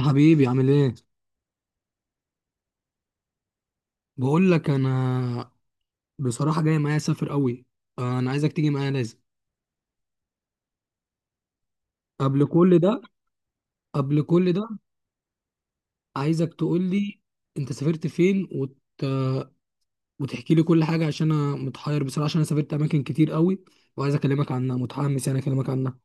حبيبي عامل ايه؟ بقول لك انا، بصراحه جاي معايا اسافر قوي. انا عايزك تيجي معايا لازم قبل كل ده. قبل كل ده عايزك تقول لي، انت سافرت فين وتحكي لي كل حاجه عشان انا متحير بصراحه، عشان انا سافرت اماكن كتير قوي وعايز اكلمك عنها، متحمس يعني اكلمك عنها.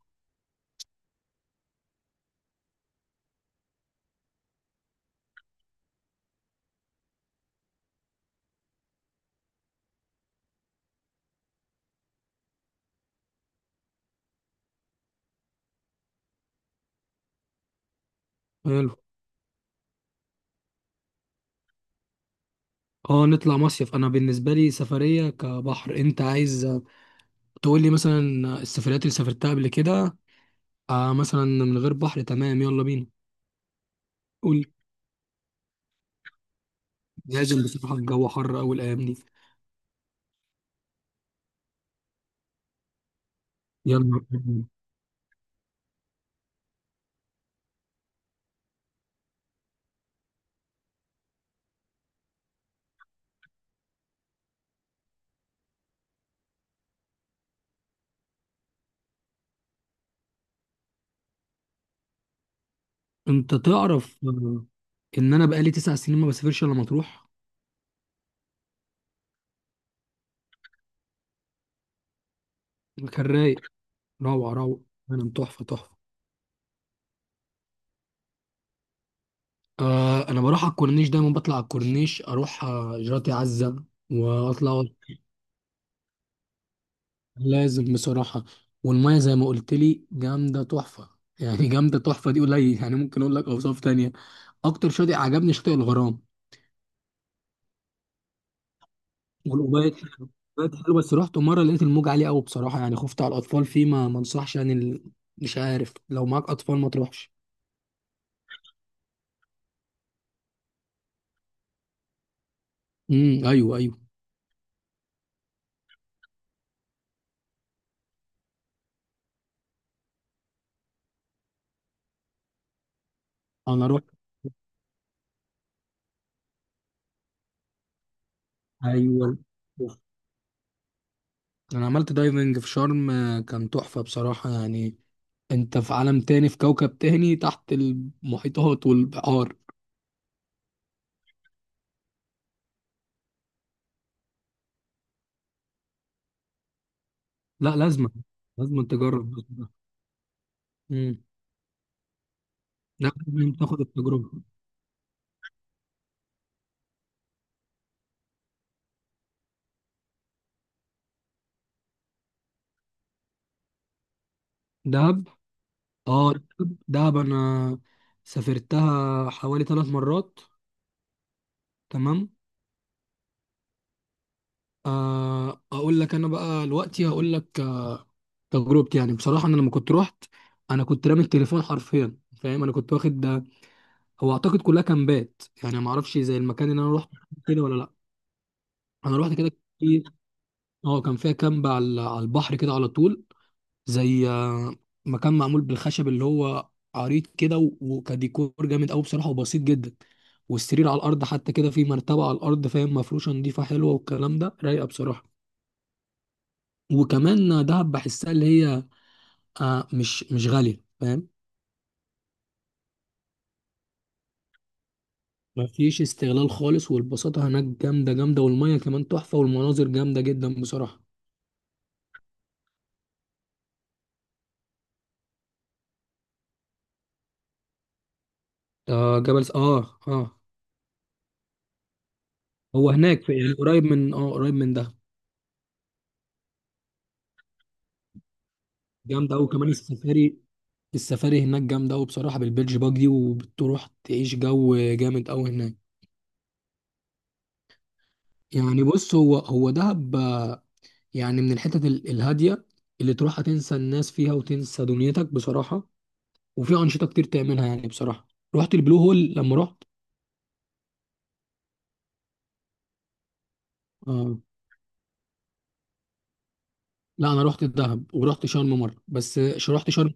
حلو. اه، نطلع مصيف. انا بالنسبه لي سفريه كبحر، انت عايز تقول لي مثلا السفريات اللي سافرتها قبل كده؟ آه مثلا من غير بحر، تمام يلا بينا. قول لي. لازم بصراحه، الجو حر قوي الايام دي. يا نهار أبيض. انت تعرف ان انا بقالي تسع سنين ما بسافرش الا مطروح. مكان رايق. روعه روعه. انا تحفه تحفه. آه، انا بروح على الكورنيش دايما، بطلع على الكورنيش اروح جراتي عزه واطلع. لازم بصراحه. والميه زي ما قلت لي جامده تحفه. يعني جامده تحفه دي قليل، يعني ممكن اقول لك اوصاف تانية. اكتر شاطئ عجبني شاطئ الغرام والأوباية بقت حلوه. بس رحت مره لقيت الموج عالي قوي بصراحه، يعني خفت على الاطفال فيه. ما انصحش يعني مش عارف، لو معاك اطفال ما تروحش. ايوه ايوه. انا رحت. ايوه، انا عملت دايفنج في شرم، كان تحفه بصراحه. يعني انت في عالم تاني، في كوكب تاني تحت المحيطات والبحار. لا لازم. لازم تجرب بصراحه. امم. لا لازم تاخد التجربه. دهب. اه دهب. دهب انا سافرتها حوالي ثلاث مرات. تمام. اقول لك انا بقى دلوقتي، هقول لك تجربتي يعني. بصراحه انا لما كنت رحت، انا كنت رامي التليفون حرفيا، فاهم؟ انا كنت واخد ده، هو اعتقد كلها كامبات يعني، ما اعرفش زي المكان اللي انا رحت كده ولا لا. انا رحت كده كتير. اه كان فيها كامب على البحر كده على طول، زي مكان معمول بالخشب، اللي هو عريض كده وكديكور جامد قوي بصراحه، وبسيط جدا. والسرير على الارض حتى، كده في مرتبه على الارض، فاهم؟ مفروشه نظيفه حلوه والكلام ده، رايقه بصراحه. وكمان دهب بحسها اللي هي آه مش غالية، فاهم؟ مفيش استغلال خالص، والبساطة هناك جامدة جامدة، والمية كمان تحفة، والمناظر جامدة جدا بصراحة. آه جبل اه اه. هو هناك في، يعني قريب من اه، قريب من ده. جامدة أوي كمان السفاري. السفاري هناك جامدة أوي بصراحة، بالبيتش باجي، وبتروح تعيش جو جامد أوي هناك. يعني بص، هو هو دهب يعني من الحتت الهادية، اللي تروح هتنسى الناس فيها، وتنسى دنيتك بصراحة. وفي أنشطة كتير تعملها يعني بصراحة، رحت البلو هول لما رحت. آه. لا انا رحت الدهب، ورحت شرم مره بس. رحت شرم.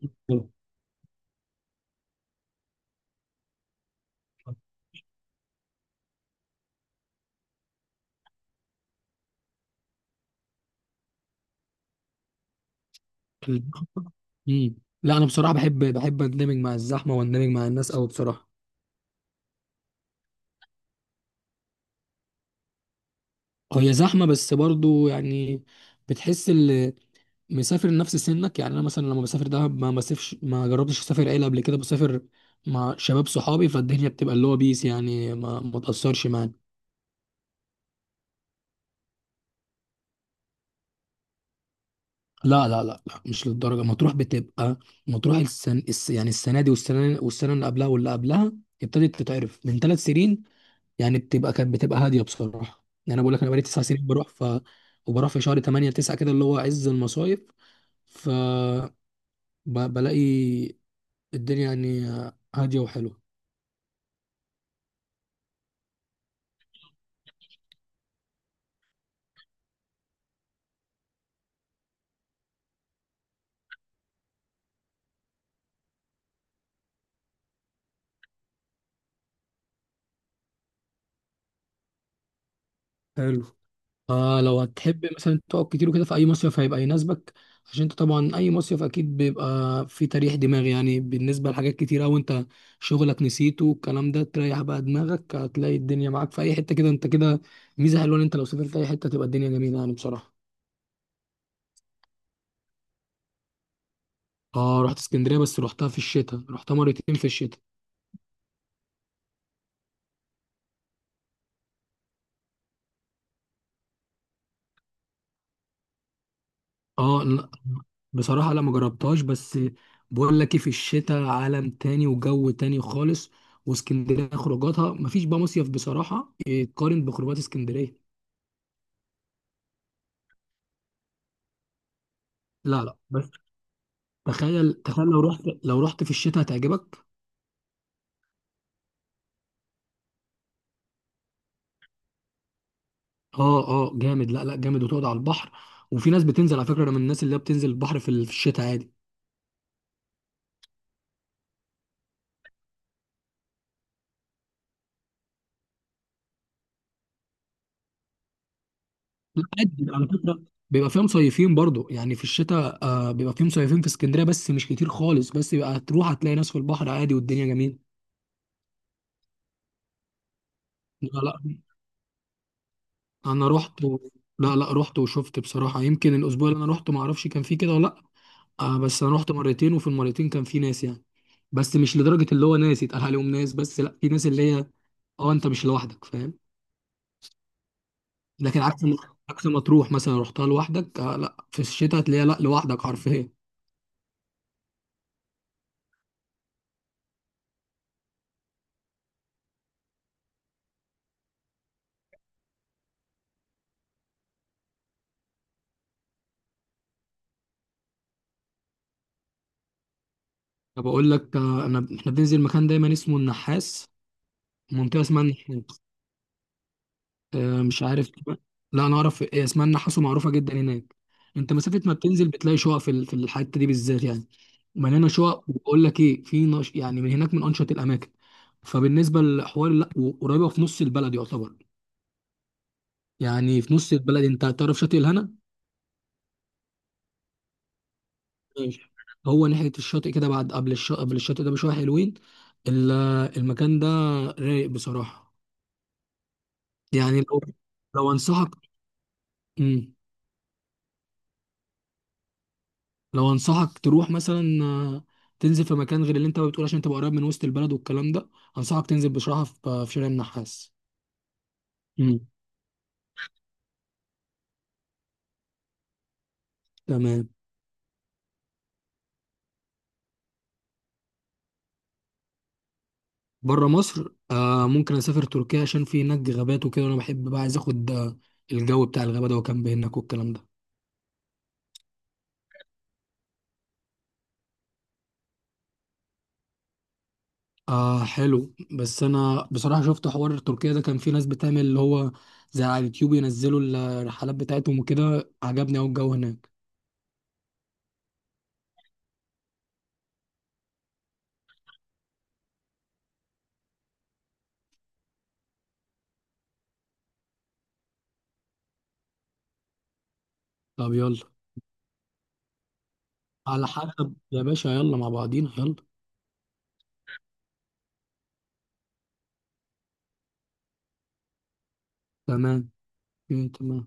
امم. لا انا بصراحه بحب اندمج مع الزحمه، واندمج مع الناس قوي بصراحه. هي زحمه بس برضو يعني، بتحس اللي مسافر نفس سنك. يعني انا مثلا لما بسافر دهب، ما بسافرش، ما جربتش اسافر عيله قبل كده. بسافر مع شباب صحابي، فالدنيا بتبقى اللي هو بيس يعني، ما تاثرش معانا. لا لا لا لا، مش للدرجه. مطروح بتبقى، مطروح السن الس يعني السنه دي والسنه والسنه اللي قبلها واللي قبلها ابتدت تتعرف من ثلاث سنين يعني. بتبقى كانت بتبقى هاديه بصراحه. يعني انا بقول لك انا بقالي تسع سنين بروح، ف وبروح في شهر 8 9 كده، اللي هو عز المصايف، ف بلاقي الدنيا يعني هاديه وحلوه. حلو. آه لو هتحب مثلا تقعد كتير وكده، في اي مصيف هيبقى يناسبك. عشان انت طبعا اي مصيف اكيد بيبقى فيه تريح دماغ يعني، بالنسبه لحاجات كتير، او انت شغلك نسيته والكلام ده، تريح بقى دماغك، هتلاقي الدنيا معاك في اي حته كده. انت كده ميزه حلوه ان انت لو سافرت اي حته تبقى الدنيا جميله يعني بصراحه. اه رحت اسكندريه، بس رحتها في الشتاء، رحتها مرتين في الشتاء. اه لا بصراحه، لا ما جربتهاش. بس بقول لك ايه، في الشتاء عالم تاني، وجو تاني خالص. واسكندريه خروجاتها، مفيش بقى مصيف بصراحه يتقارن بخروجات اسكندريه. لا لا، بس تخيل تخيل لو رحت، لو رحت في الشتاء هتعجبك. اه اه جامد، لا لا جامد. وتقعد على البحر، وفي ناس بتنزل. على فكره انا من الناس اللي هي بتنزل البحر في في الشتاء عادي. لا عادي على فكره، بيبقى فيها مصيفين برضو يعني في الشتاء. آه بيبقى فيه مصيفين في اسكندريه، بس مش كتير خالص. بس بيبقى هتروح هتلاقي ناس في البحر عادي، والدنيا جميله. لا لا انا رحت لا لا، رحت وشفت بصراحه. يمكن الاسبوع اللي انا رحته ما اعرفش كان فيه كده ولا لا. آه بس انا رحت مرتين، وفي المرتين كان فيه ناس يعني. بس مش لدرجه اللي هو ناس يتقال عليهم ناس، بس لا في ناس اللي هي اه، انت مش لوحدك، فاهم؟ لكن عكس، عكس ما تروح مثلا رحتها لوحدك آه، لا في الشتاء هتلاقيها لا لوحدك حرفيا. طب اقول لك انا احنا بننزل مكان دايما اسمه النحاس، منطقه اسمها النحاس. مش عارف. لا انا اعرف إيه اسمها، النحاس ومعروفه جدا هناك. انت مسافه ما بتنزل، بتلاقي شقق في في الحته دي بالذات يعني. مليانه شقق. وبقول لك ايه، في يعني من هناك من انشط الاماكن. فبالنسبه للحوار لا، قريبه في نص البلد يعتبر. يعني في نص البلد، انت تعرف شاطئ الهنا؟ ماشي. هو ناحيه الشاطئ كده بعد، قبل الشاطئ، قبل الشاطئ ده بشويه حلوين ال- المكان ده رايق بصراحه. يعني لو، انصحك، مم. لو انصحك تروح مثلا تنزل في مكان غير اللي انت بتقول، عشان تبقى قريب من وسط البلد والكلام ده. انصحك تنزل بصراحه في شارع النحاس. مم. تمام. بره مصر آه، ممكن اسافر تركيا، عشان في هناك غابات وكده، وانا بحب بقى، عايز اخد الجو بتاع الغابه ده، وكامب هناك والكلام ده. آه حلو. بس انا بصراحه شفت حوار تركيا ده، كان في ناس بتعمل اللي هو زي، على اليوتيوب ينزلوا الرحلات بتاعتهم وكده، عجبني قوي الجو هناك. طب يلا. على حسب يا باشا، يلا مع بعضينا، يلا. تمام. مم، تمام.